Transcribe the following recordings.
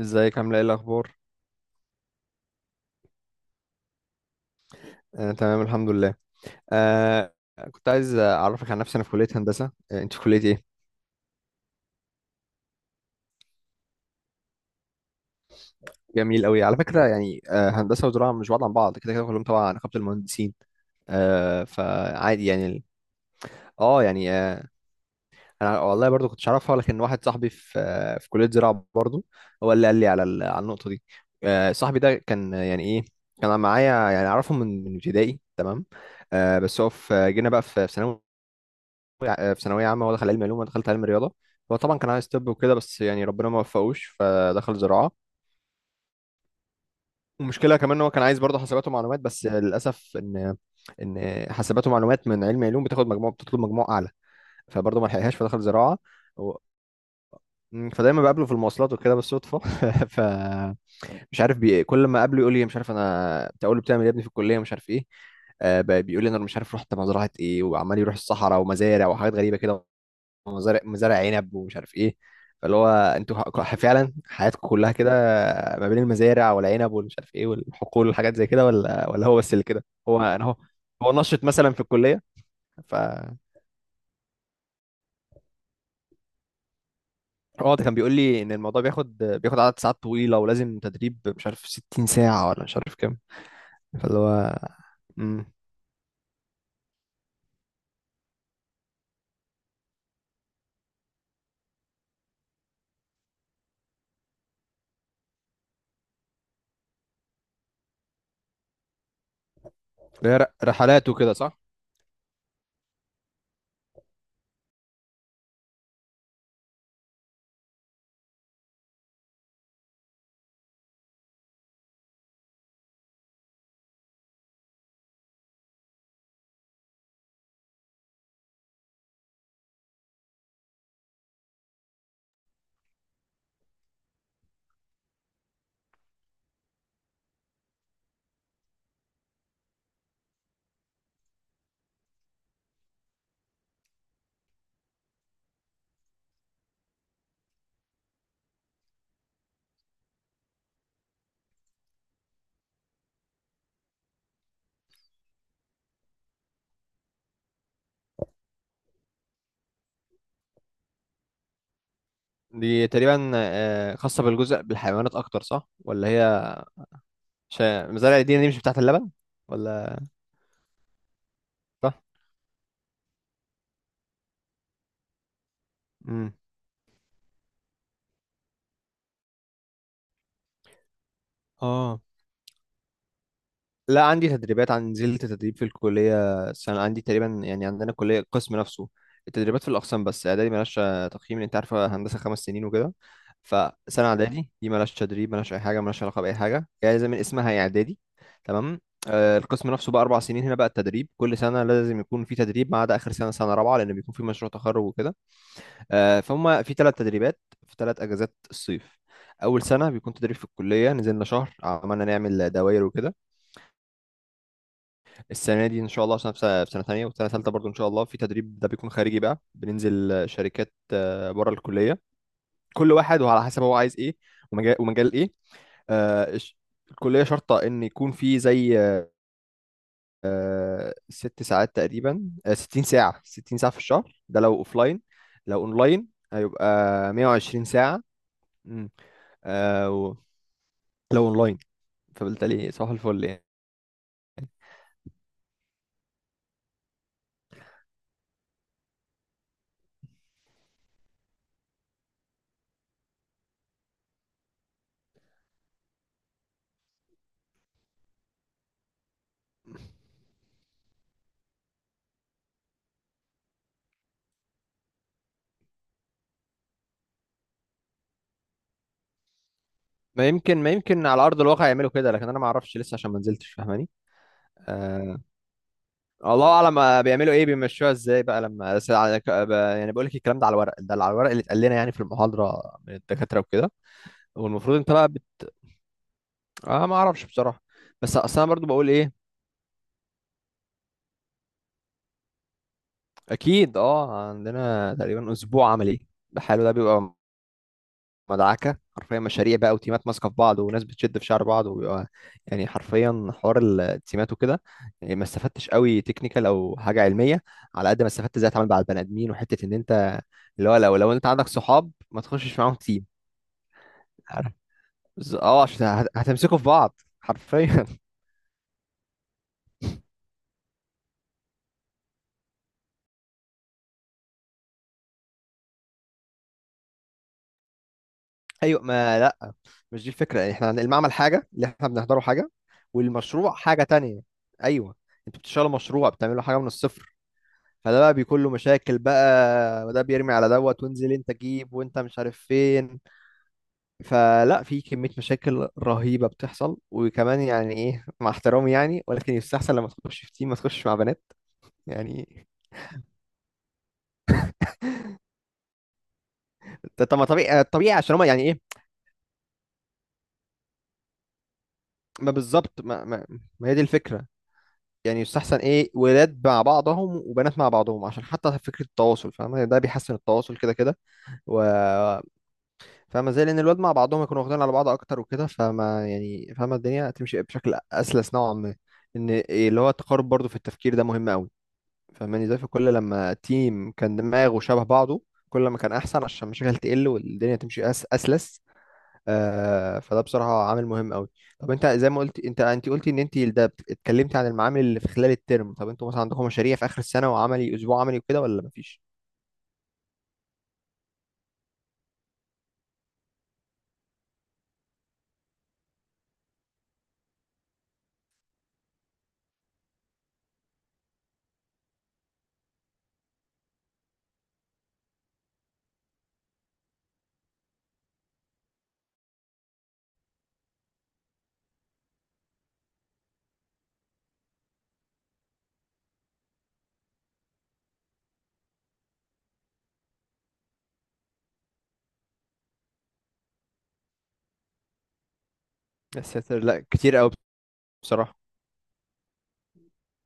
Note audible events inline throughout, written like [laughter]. ازيك، عامله ايه، الاخبار؟ آه، تمام الحمد لله. آه. كنت عايز اعرفك عن نفسي. انا في كليه هندسه. انت في كليه ايه؟ جميل قوي. على فكره يعني هندسه وزراعه مش بعاد عن بعض كده كده، كلهم تبع نقابه المهندسين. فعادي يعني. اه يعني انا والله برضو كنتش اعرفها، لكن واحد صاحبي في في كليه زراعه برضو، هو اللي قال لي على النقطه دي. صاحبي ده كان، يعني ايه، كان معايا، يعني اعرفه من ابتدائي. تمام. بس هو في جينا بقى، في ثانوي. في ثانويه عامه، هو دخل علم علوم وانا دخلت علم رياضه. هو طبعا كان عايز طب وكده، بس يعني ربنا ما وفقوش فدخل زراعه. ومشكله كمان، ان هو كان عايز برضه حاسبات ومعلومات، بس للاسف ان حاسبات ومعلومات من علم علوم بتاخد مجموع، بتطلب مجموع اعلى، فبرضه ما لحقهاش فدخل زراعه. و... فدايما بقابله في المواصلات وكده بالصدفه. [laughs] فمش عارف، كل ما اقابله يقول لي مش عارف. انا بتقول له بتعمل إيه يا ابني في الكليه، مش عارف ايه. بيقول لي انا مش عارف رحت مزرعه ايه، وعمال يروح الصحراء ومزارع وحاجات غريبه كده. مزارع عنب ومش عارف ايه. فاللي هو انتوا، فعلا حياتكم كلها كده، ما بين المزارع والعنب والمش عارف ايه والحقول والحاجات زي كده؟ ولا هو بس اللي كده؟ هو انا هو هو نشط مثلا في الكليه. ف هو ده كان بيقول لي ان الموضوع بياخد عدد ساعات طويله، ولازم تدريب مش عارف 60 ساعه ولا مش عارف كام. فاللي هو امم اللي هي رحلات وكده صح؟ دي تقريبا خاصه بالجزء بالحيوانات اكتر، صح ولا هي؟ عشان مزارع الدين دي مش بتاعت اللبن ولا؟ صح. امم اه، لا عندي تدريبات. عن، نزلت تدريب في الكلية سنة عندي تقريبا يعني. عندنا كلية، القسم نفسه التدريبات في الأقسام، بس إعدادي ملهاش تقييم. أنت عارف هندسة 5 سنين وكده، فسنة إعدادي دي ملهاش تدريب، ملهاش أي حاجة، ملهاش علاقة بأي حاجة يعني. زي من اسمها، هي إعدادي. تمام. القسم نفسه بقى 4 سنين، هنا بقى التدريب كل سنة لازم يكون في تدريب، ما عدا آخر سنة، سنة رابعة، لأن بيكون في مشروع تخرج وكده. فهم في 3 تدريبات، في 3 أجازات الصيف. أول سنة بيكون تدريب في الكلية، نزلنا شهر عملنا نعمل دواير وكده. السنه دي ان شاء الله، عشان في سنة تانية، والسنه الثالثه برضو ان شاء الله في تدريب. ده بيكون خارجي بقى، بننزل شركات بره الكليه، كل واحد وعلى حسب هو عايز ايه، ومجال، ايه. آه، الش- الكليه شرطه ان يكون في زي 6 ساعات تقريبا، 60 ساعه، 60 ساعه في الشهر، ده لو اوفلاين. لو اونلاين هيبقى 120 ساعه. مم. آه، و- لو اونلاين، فبالتالي صباح الفل يعني. ما يمكن على ارض الواقع يعملوا كده، لكن انا ما اعرفش لسه عشان ما نزلتش. فاهماني؟ آه، الله اعلم بيعملوا ايه، بيمشوها ازاي بقى. لما بس، يعني بقول لك الكلام ده على الورق. ده على الورق اللي اتقال لنا يعني في المحاضره من الدكاتره وكده، والمفروض انت بقى اه، ما اعرفش بصراحه. بس اصل انا برضو بقول ايه؟ اكيد. اه عندنا تقريبا اسبوع عملي بحاله، ده بيبقى مدعكه حرفيا، مشاريع بقى وتيمات ماسكه في بعض، وناس بتشد في شعر بعض، وبيبقى يعني حرفيا حوار التيمات وكده. يعني ما استفدتش قوي تكنيكال او حاجه علميه، على قد ما استفدت ازاي اتعامل مع البني ادمين. وحته ان انت اللي هو، لو انت عندك صحاب ما تخشش معاهم تيم، عارف، عشان هتمسكوا في بعض حرفيا. [laughs] ايوه، ما لا، مش دي الفكره يعني. احنا، المعمل حاجه، اللي احنا بنحضره حاجه، والمشروع حاجه تانية. ايوه. انتوا بتشتغلوا مشروع، بتعملوا حاجه من الصفر، فده بقى بيكون له مشاكل بقى، وده بيرمي على دوت وانزل انت جيب، وانت مش عارف فين. فلا، في كمية مشاكل رهيبة بتحصل. وكمان يعني ايه، مع احترامي يعني، ولكن يستحسن لما تخش في تيم ما تخش مع بنات يعني. طب ما طبيعي طبيعي عشان هما يعني ايه. ما بالظبط. ما، ما هي دي الفكرة يعني. يستحسن ايه، ولاد مع بعضهم وبنات مع بعضهم، عشان حتى فكرة التواصل، فاهم؟ ده بيحسن التواصل كده كده. و... فما زي لان الواد مع بعضهم يكونوا واخدين على بعض اكتر وكده، فما يعني، فاهمه الدنيا تمشي بشكل اسلس نوعا ما. ان اللي هو التقارب برضو في التفكير ده مهم قوي. فاهماني؟ زي في كل لما تيم كان دماغه شبه بعضه، كل ما كان احسن، عشان المشاكل تقل والدنيا تمشي اسلس. فده بصراحه عامل مهم قوي. طب انت زي ما قلت، انت قلتي ان انت ده، اتكلمتي عن المعامل اللي في خلال الترم. طب انتوا مثلا عندكم مشاريع في اخر السنه، وعملي، اسبوع عملي وكده ولا مفيش؟ يا ساتر، لا كتير قوي بصراحه.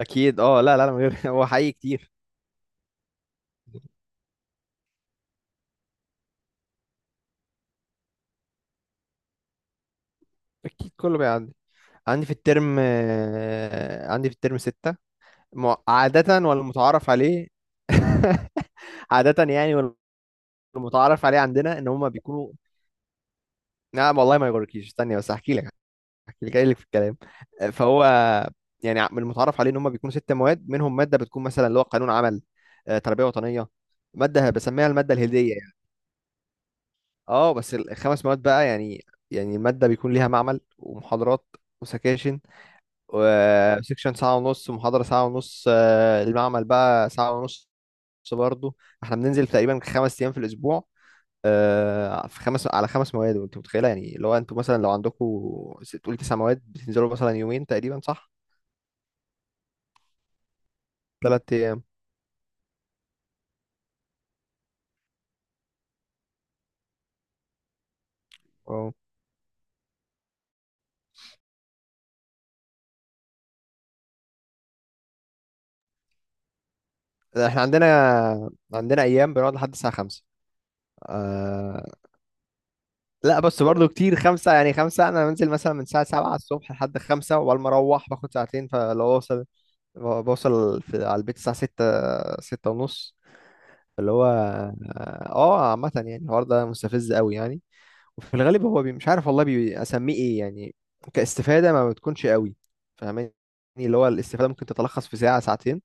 اكيد. اه لا لا لا، من غير [laughs] هو حقيقي كتير. اكيد كله بيعدي. عندي في الترم ستة، عادة، والمتعارف عليه. [laughs] عادة يعني، والمتعارف عليه عندنا ان هما بيكونوا. نعم والله، ما يغركيش، استني بس احكي لك. احكي لك، جاي لك في الكلام. فهو يعني من المتعارف عليه ان هما بيكونوا 6 مواد، منهم مادة بتكون مثلا اللي هو قانون عمل، تربية وطنية، مادة بسميها المادة الهندية يعني. اه بس الخمس مواد بقى يعني، يعني المادة بيكون ليها معمل ومحاضرات وسكاشن. وسكشن ساعة ونص، محاضرة ساعة ونص، المعمل بقى ساعة ونص برضه. احنا بننزل تقريبا 5 أيام في الأسبوع، في خمس، على خمس مواد. وانت متخيلة يعني لو انتوا مثلا، لو عندكم تقول 9 مواد، بتنزلوا مثلا يومين تقريبا صح؟ 3 أيام. اه، احنا عندنا، أيام بنقعد لحد الساعة خمسة. آه لا، بس برضه كتير خمسة يعني. خمسة، أنا بنزل مثلا من الساعة سبعة الصبح لحد خمسة، وعلى ما أروح باخد ساعتين، فلو أوصل، بوصل في على البيت الساعة ستة، ستة ونص. اللي هو اه. عامة يعني الحوار ده مستفز قوي يعني. وفي الغالب هو مش عارف والله، اسميه ايه يعني، كاستفادة ما بتكونش قوي. فاهماني؟ اللي هو الاستفادة ممكن تتلخص في ساعة، ساعتين.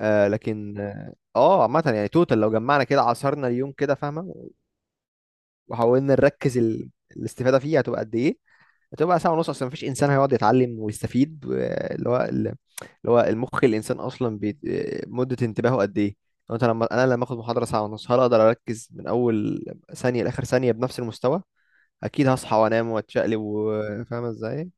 آه لكن اه آه، عامة يعني، توتال لو جمعنا كده، عصرنا اليوم كده فاهمة، وحاولنا نركز، الاستفادة فيه هتبقى قد إيه؟ هتبقى ساعة ونص. أصلا مفيش إنسان هيقعد يتعلم ويستفيد. و- اللي هو ال- اللي هو المخ الإنسان أصلا، مدة انتباهه قد إيه؟ لو أنت لما أنا لما آخد محاضرة ساعة ونص، هل أقدر أركز من أول ثانية لآخر ثانية بنفس المستوى؟ أكيد هصحى وأنام وأتشقلب فاهم إزاي.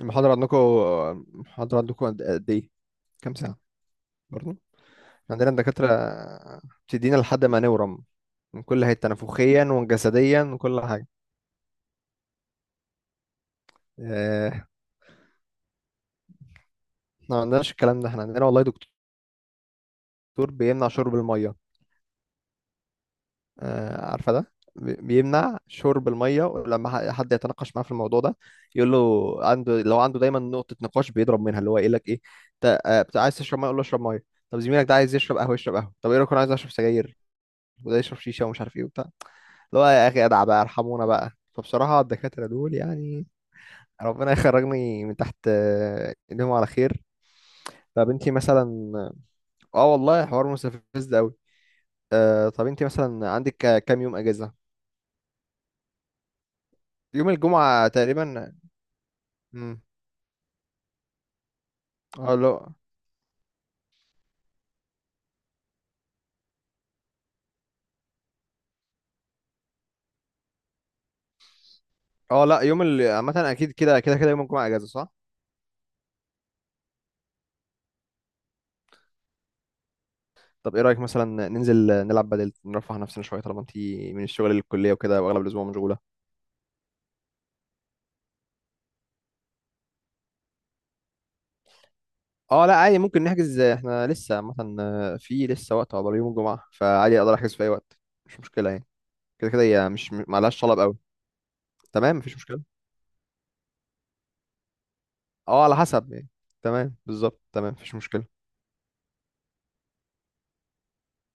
المحاضرة عندكم المحاضرة عندكم قد إيه، كام ساعة؟ برضه عندنا الدكاترة بتدينا لحد ما نورم، من كل حتة نفوخيا وجسديا وكل حاجة. [laughs] احنا ما عندناش الكلام ده. احنا عندنا والله دكتور بيمنع شرب المية. عارفة، ده بيمنع شرب المية، ولما حد يتناقش معاه في الموضوع ده يقول له عنده، لو عنده دايما نقطة نقاش بيضرب منها، اللي هو يقول لك ايه، انت عايز تشرب مية يقول له اشرب مية. طب زميلك ده عايز يشرب قهوة يشرب قهوة. طب ايه رأيك، انا عايز اشرب سجاير، وده يشرب شيشة ومش عارف ايه وبتاع. اللي هو يا اخي ادعى بقى، ارحمونا بقى. فبصراحة الدكاترة دول يعني، ربنا يخرجني من تحت ايديهم على خير. طب انتي مثلا، اه والله حوار مستفز ده. طب انت مثلا عندك كام يوم اجازه؟ يوم الجمعه تقريبا. امم. اه لا، اه لا، يوم عامه اكيد كده كده كده يوم الجمعه اجازه صح. طب ايه رايك مثلا ننزل نلعب، بدل نرفه عن نفسنا شويه، طالما انت من الشغل للكليه وكده، واغلب الاسبوع مشغوله. اه، لا عادي ممكن نحجز، احنا لسه عامه في لسه وقت عقبال يوم الجمعه، فعادي اقدر احجز في اي وقت، مش مشكله يعني. كده كده هي مش معلهاش طلب قوي. تمام مفيش مشكله. اه على حسب يعني. تمام، بالظبط، تمام مفيش مشكله.